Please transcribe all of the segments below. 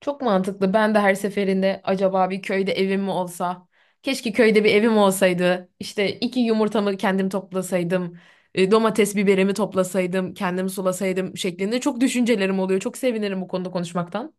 Çok mantıklı. Ben de her seferinde acaba bir köyde evim mi olsa? Keşke köyde bir evim olsaydı. İşte iki yumurtamı kendim toplasaydım. Domates biberimi toplasaydım, kendim sulasaydım şeklinde çok düşüncelerim oluyor. Çok sevinirim bu konuda konuşmaktan.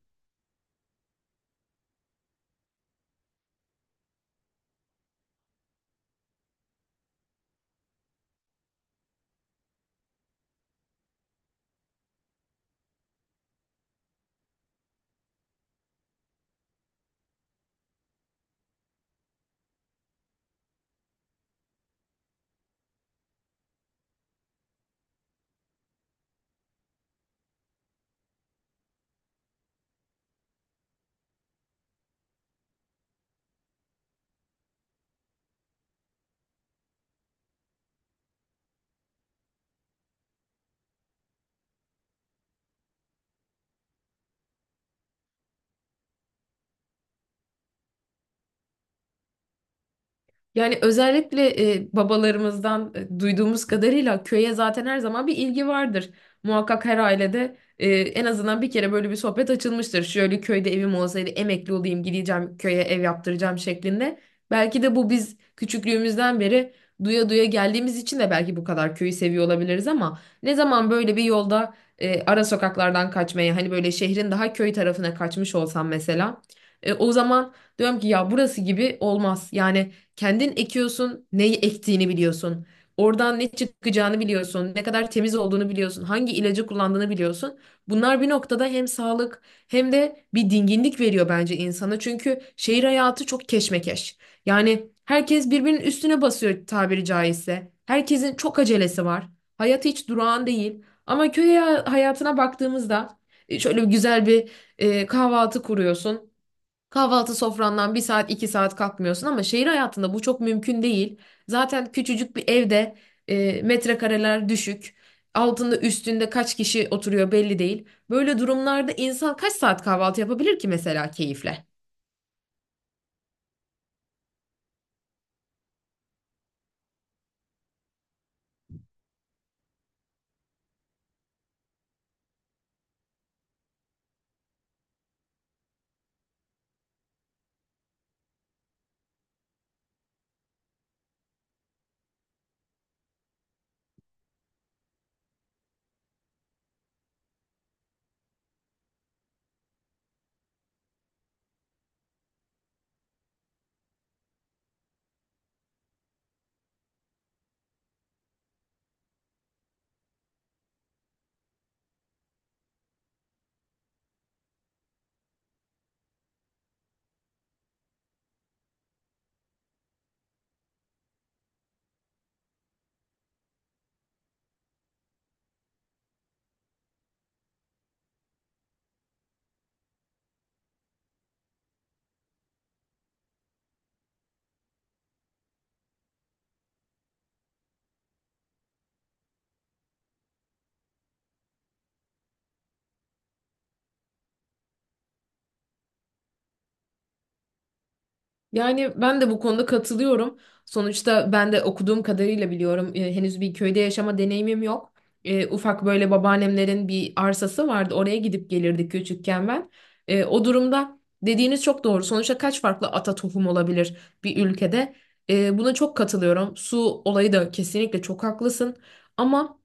Yani özellikle babalarımızdan duyduğumuz kadarıyla köye zaten her zaman bir ilgi vardır. Muhakkak her ailede en azından bir kere böyle bir sohbet açılmıştır. Şöyle köyde evim olsaydı emekli olayım gideceğim köye ev yaptıracağım şeklinde. Belki de bu biz küçüklüğümüzden beri duya duya geldiğimiz için de belki bu kadar köyü seviyor olabiliriz ama ne zaman böyle bir yolda ara sokaklardan kaçmaya hani böyle şehrin daha köy tarafına kaçmış olsam mesela, o zaman diyorum ki ya burası gibi olmaz. Yani kendin ekiyorsun, neyi ektiğini biliyorsun. Oradan ne çıkacağını biliyorsun, ne kadar temiz olduğunu biliyorsun, hangi ilacı kullandığını biliyorsun. Bunlar bir noktada hem sağlık hem de bir dinginlik veriyor bence insana. Çünkü şehir hayatı çok keşmekeş. Yani herkes birbirinin üstüne basıyor tabiri caizse. Herkesin çok acelesi var. Hayat hiç durağan değil. Ama köy hayatına baktığımızda şöyle bir güzel bir kahvaltı kuruyorsun. Kahvaltı sofrandan bir saat iki saat kalkmıyorsun ama şehir hayatında bu çok mümkün değil. Zaten küçücük bir evde metrekareler düşük. Altında üstünde kaç kişi oturuyor belli değil. Böyle durumlarda insan kaç saat kahvaltı yapabilir ki mesela keyifle? Yani ben de bu konuda katılıyorum. Sonuçta ben de okuduğum kadarıyla biliyorum. Henüz bir köyde yaşama deneyimim yok. E, ufak böyle babaannemlerin bir arsası vardı. Oraya gidip gelirdik küçükken ben. E, o durumda dediğiniz çok doğru. Sonuçta kaç farklı ata tohum olabilir bir ülkede? E, buna çok katılıyorum. Su olayı da kesinlikle çok haklısın. Ama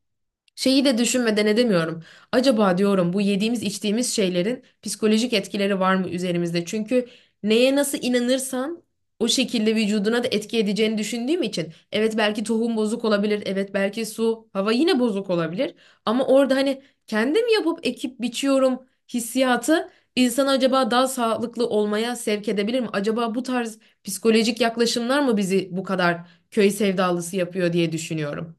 şeyi de düşünmeden edemiyorum. Acaba diyorum bu yediğimiz içtiğimiz şeylerin psikolojik etkileri var mı üzerimizde? Çünkü neye nasıl inanırsan o şekilde vücuduna da etki edeceğini düşündüğüm için. Evet belki tohum bozuk olabilir. Evet belki su, hava yine bozuk olabilir. Ama orada hani kendim yapıp ekip biçiyorum hissiyatı insanı acaba daha sağlıklı olmaya sevk edebilir mi? Acaba bu tarz psikolojik yaklaşımlar mı bizi bu kadar köy sevdalısı yapıyor diye düşünüyorum.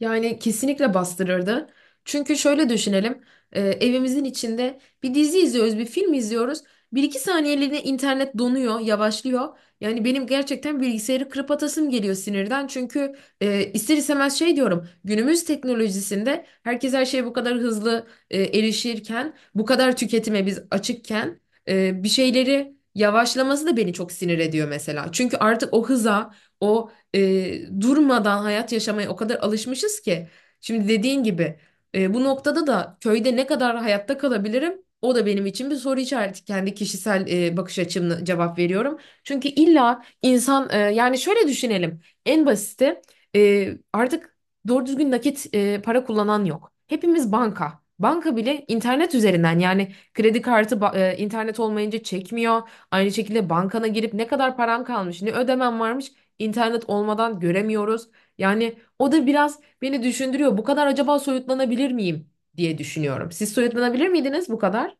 Yani kesinlikle bastırırdı. Çünkü şöyle düşünelim, evimizin içinde bir dizi izliyoruz, bir film izliyoruz. Bir iki saniyeliğine internet donuyor, yavaşlıyor. Yani benim gerçekten bilgisayarı kırıp atasım geliyor sinirden. Çünkü ister istemez şey diyorum, günümüz teknolojisinde herkes her şeye bu kadar hızlı erişirken, bu kadar tüketime biz açıkken bir şeyleri yavaşlaması da beni çok sinir ediyor mesela. Çünkü artık o hıza, o durmadan hayat yaşamaya o kadar alışmışız ki. Şimdi dediğin gibi bu noktada da köyde ne kadar hayatta kalabilirim? O da benim için bir soru işareti. Kendi kişisel bakış açımla cevap veriyorum. Çünkü illa insan yani şöyle düşünelim. En basiti, artık doğru düzgün nakit para kullanan yok. Hepimiz banka. Banka bile internet üzerinden yani kredi kartı internet olmayınca çekmiyor. Aynı şekilde bankana girip ne kadar param kalmış, ne ödemem varmış İnternet olmadan göremiyoruz. Yani o da biraz beni düşündürüyor. Bu kadar acaba soyutlanabilir miyim diye düşünüyorum. Siz soyutlanabilir miydiniz bu kadar?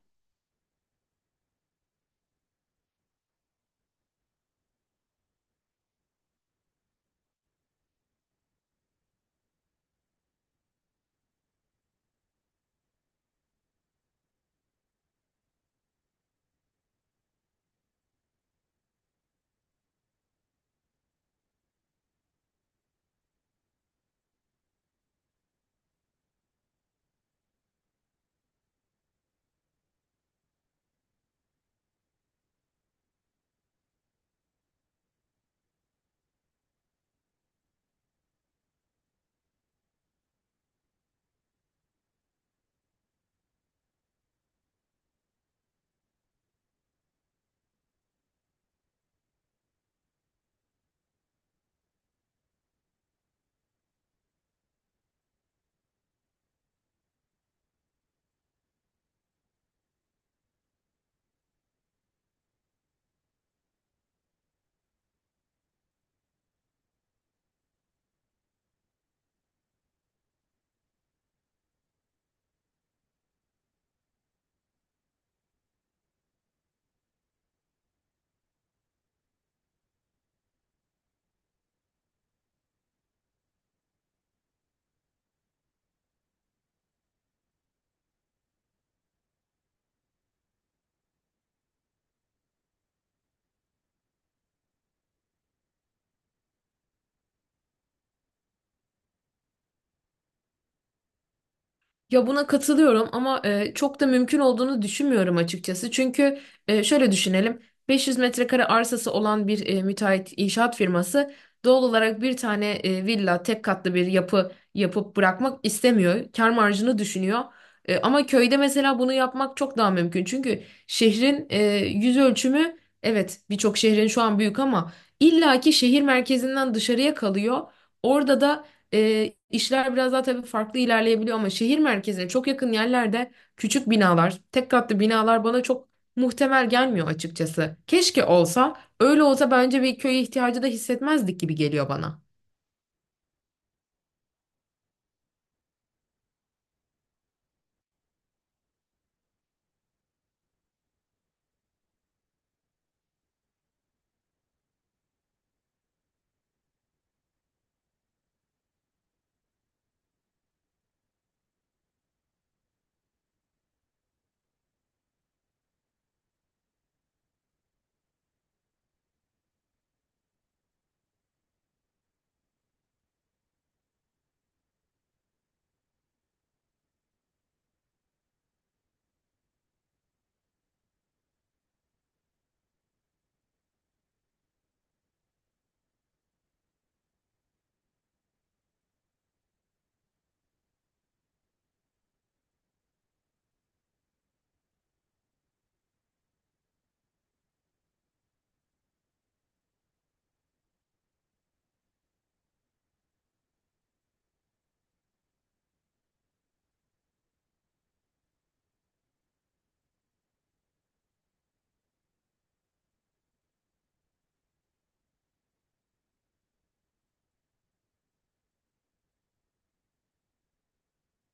Ya buna katılıyorum ama çok da mümkün olduğunu düşünmüyorum açıkçası. Çünkü şöyle düşünelim. 500 metrekare arsası olan bir müteahhit inşaat firması doğal olarak bir tane villa, tek katlı bir yapı yapıp bırakmak istemiyor. Kâr marjını düşünüyor. E, ama köyde mesela bunu yapmak çok daha mümkün. Çünkü şehrin yüz ölçümü evet birçok şehrin şu an büyük ama illaki şehir merkezinden dışarıya kalıyor. Orada da işler biraz daha tabii farklı ilerleyebiliyor ama şehir merkezine çok yakın yerlerde küçük binalar, tek katlı binalar bana çok muhtemel gelmiyor açıkçası. Keşke olsa, öyle olsa bence bir köye ihtiyacı da hissetmezdik gibi geliyor bana.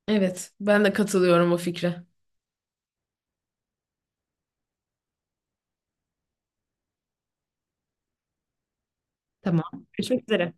Evet, ben de katılıyorum o fikre. Tamam. Görüşmek üzere.